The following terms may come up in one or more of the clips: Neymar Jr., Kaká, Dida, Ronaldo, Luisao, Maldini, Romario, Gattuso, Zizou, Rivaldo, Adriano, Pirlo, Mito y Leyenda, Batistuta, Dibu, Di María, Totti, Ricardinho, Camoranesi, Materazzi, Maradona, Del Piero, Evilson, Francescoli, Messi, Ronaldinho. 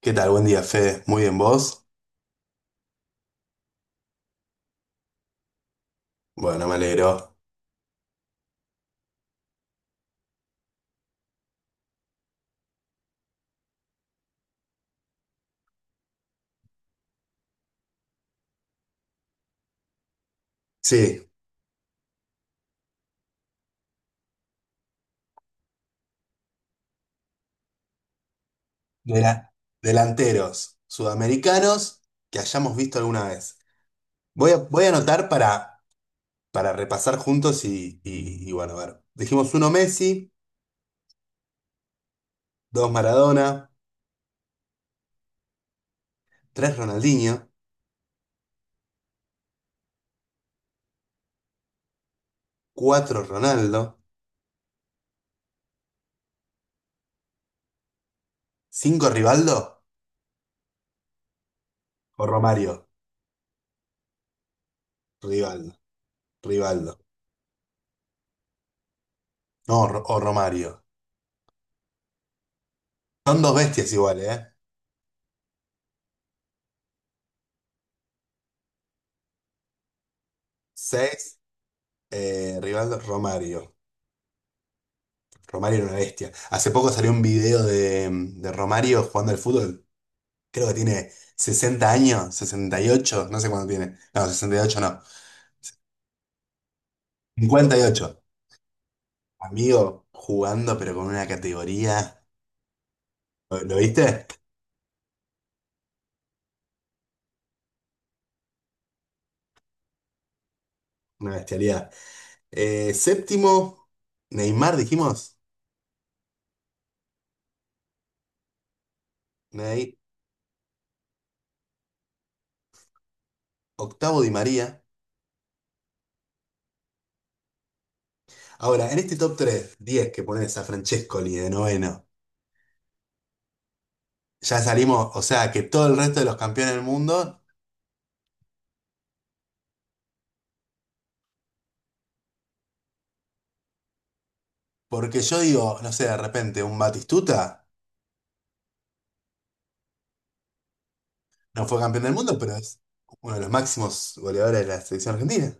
¿Qué tal? Buen día, Fede. ¿Muy bien vos? Bueno, me alegro. Sí, de la- delanteros sudamericanos que hayamos visto alguna vez. Voy a anotar para repasar juntos y bueno, a ver. Dijimos uno Messi, dos Maradona, tres Ronaldinho, cuatro Ronaldo, cinco Rivaldo o Romario. Rivaldo, Rivaldo. No, o Romario. Son dos bestias iguales, ¿eh? Seis, Rivaldo, Romario. Romario era una bestia. Hace poco salió un video de Romario jugando al fútbol. Creo que tiene 60 años, 68, no sé cuánto tiene. No, 68 no. 58. Amigo, jugando pero con una categoría. Lo viste? Una bestialidad. Séptimo, Neymar, dijimos. Ney. Octavo, Di María. Ahora, en este diez que pones a Francescoli de noveno, ya salimos, o sea que todo el resto de los campeones del mundo. Porque yo digo, no sé, de repente un Batistuta no fue campeón del mundo, pero es uno de los máximos goleadores de la selección argentina.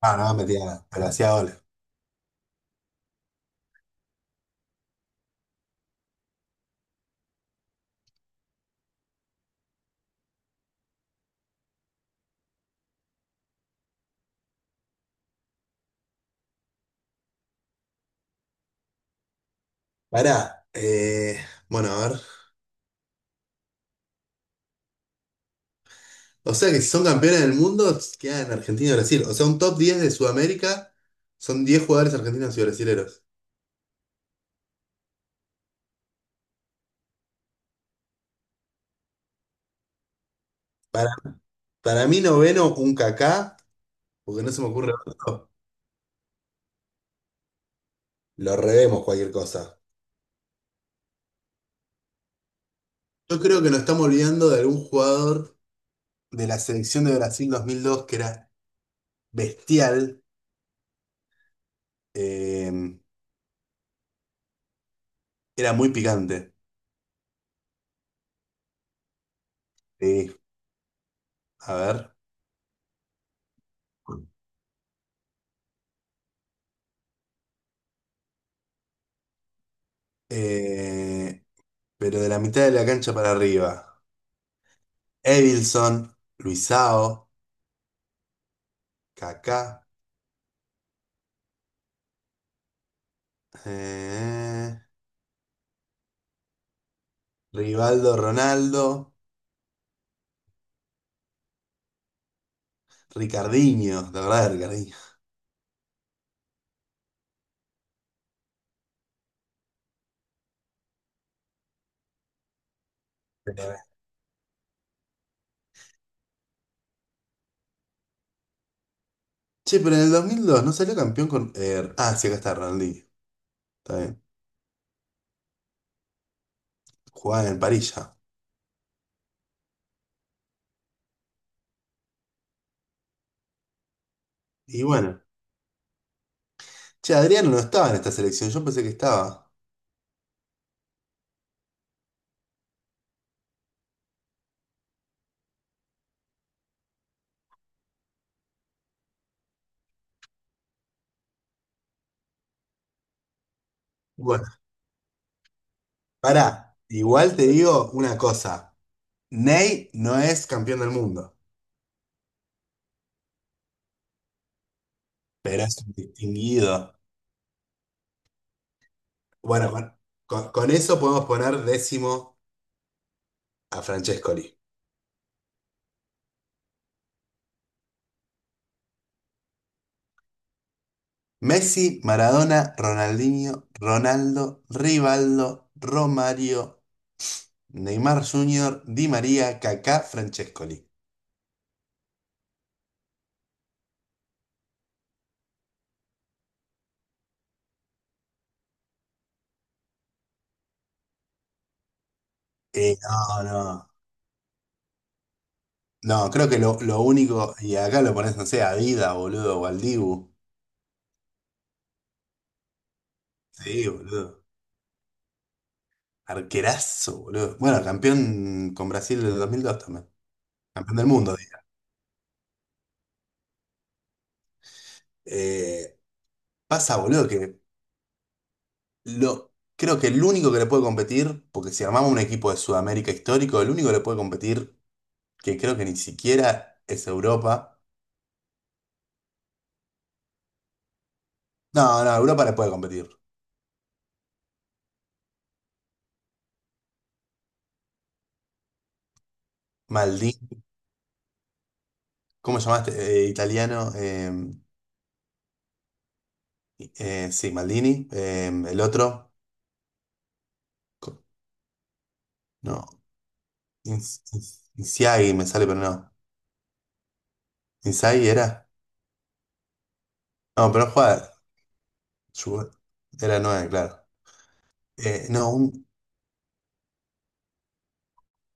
Ah, no, metía nada, pero hacía goles. Pará, bueno, a ver. O sea que si son campeones del mundo, quedan en Argentina y Brasil. O sea, un top 10 de Sudamérica son 10 jugadores argentinos y brasileros. Para, para mí, noveno, un Kaká, porque no se me ocurre otro. Lo revemos cualquier cosa. Yo creo que nos estamos olvidando de algún jugador de la selección de Brasil 2002 que era bestial. Eh, era muy picante. Sí. A ver. Eh, pero de la mitad de la cancha para arriba. Evilson, Luisao, Kaká, eh, Rivaldo, Ronaldo, Ricardinho, la verdad, Ricardinho. Pero, eh. Che, pero en el dos mil dos no salió campeón con... sí, acá está Ronaldinho. Está bien. Jugaba en Parilla. Y bueno. Che, Adriano no estaba en esta selección. Yo pensé que estaba. Bueno, pará. Igual te digo una cosa. Ney no es campeón del mundo, pero es un distinguido. Bueno, con eso podemos poner décimo a Francescoli. Messi, Maradona, Ronaldinho, Ronaldo, Rivaldo, Romario, Neymar Jr., Di María, Kaká, Francescoli. No, no. No, creo que lo único, y acá lo pones, no sé, a Dida, boludo, o al Dibu. Sí, boludo. Arquerazo, boludo. Bueno, campeón con Brasil del 2002 también. Campeón del mundo. Eh, pasa, boludo, que lo, creo que el único que le puede competir, porque si armamos un equipo de Sudamérica histórico, el único que le puede competir, que creo que ni siquiera es Europa. No, no, Europa le puede competir. Maldini, ¿cómo llamaste? Italiano. Sí, Maldini. Eh, el otro. co- No. Insiagi me sale, pero no. ¿Insiagi era? No, pero no jugaba. Ju- Era nueve, claro. Eh, no, un-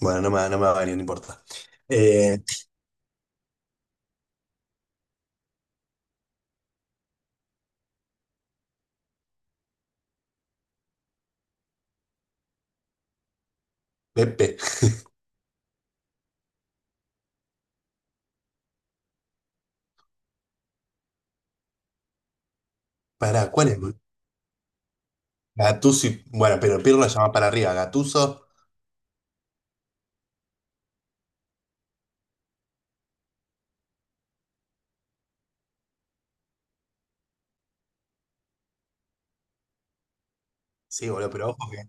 bueno, no me va a venir, no importa. Eh, Pepe. Para, ¿cuál es, boludo? Gattuso y... bueno, pero Pirlo ya va para arriba. Gattuso sí, boludo,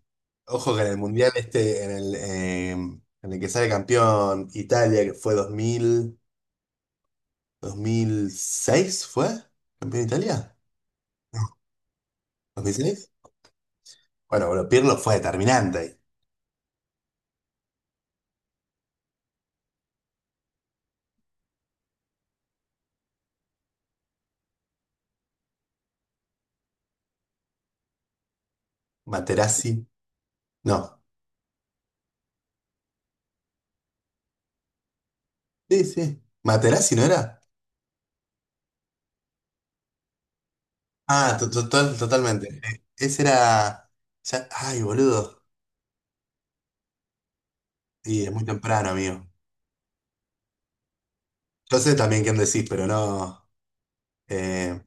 ojo que en el Mundial este, en el que sale campeón Italia, que fue 2006, ¿fue? ¿Campeón Italia? No, ¿2006? Bueno, boludo, Pirlo fue determinante ahí. Materazzi, no. Sí, sí. ¿Materazzi no era? Ah, total, totalmente. Ese era... Ay, boludo. Sí, es muy temprano, amigo. Yo sé también quién decís, pero no... Eh,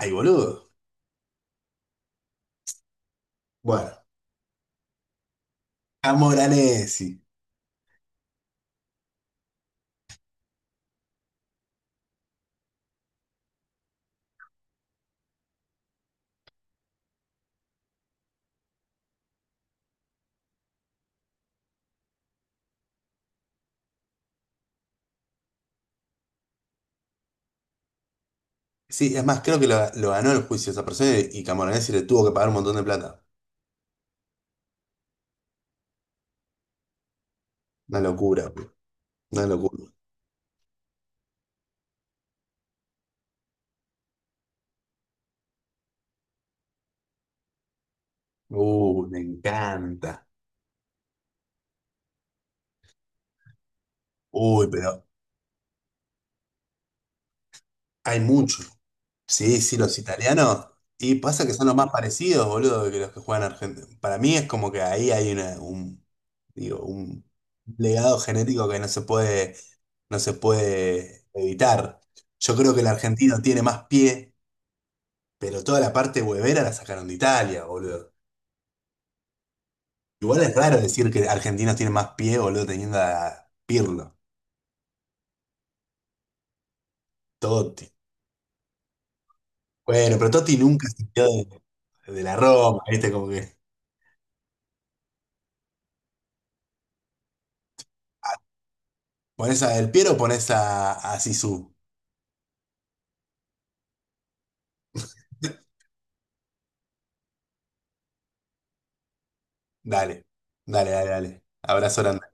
ay, boludo. Bueno, Camoranesi. Sí, es más, creo que lo ganó el juicio esa persona y Camoranesi le tuvo que pagar un montón de plata. Una locura, boludo. Una locura. Me encanta. Uy, pero hay mucho. Sí, sí, los italianos. Y pasa que son los más parecidos, boludo, que los que juegan Argentina. Para mí es como que ahí hay digo, un legado genético que no se puede, no se puede evitar. Yo creo que el argentino tiene más pie. Pero toda la parte huevera la sacaron de Italia, boludo. Igual es raro decir que Argentina tiene más pie, boludo, teniendo a Pirlo, Totti. Bueno, pero Totti nunca se quedó de la Roma, ¿viste? Como que pones a Del Piero o pones a Zizou. Dale, dale, dale, dale. Abrazo grande.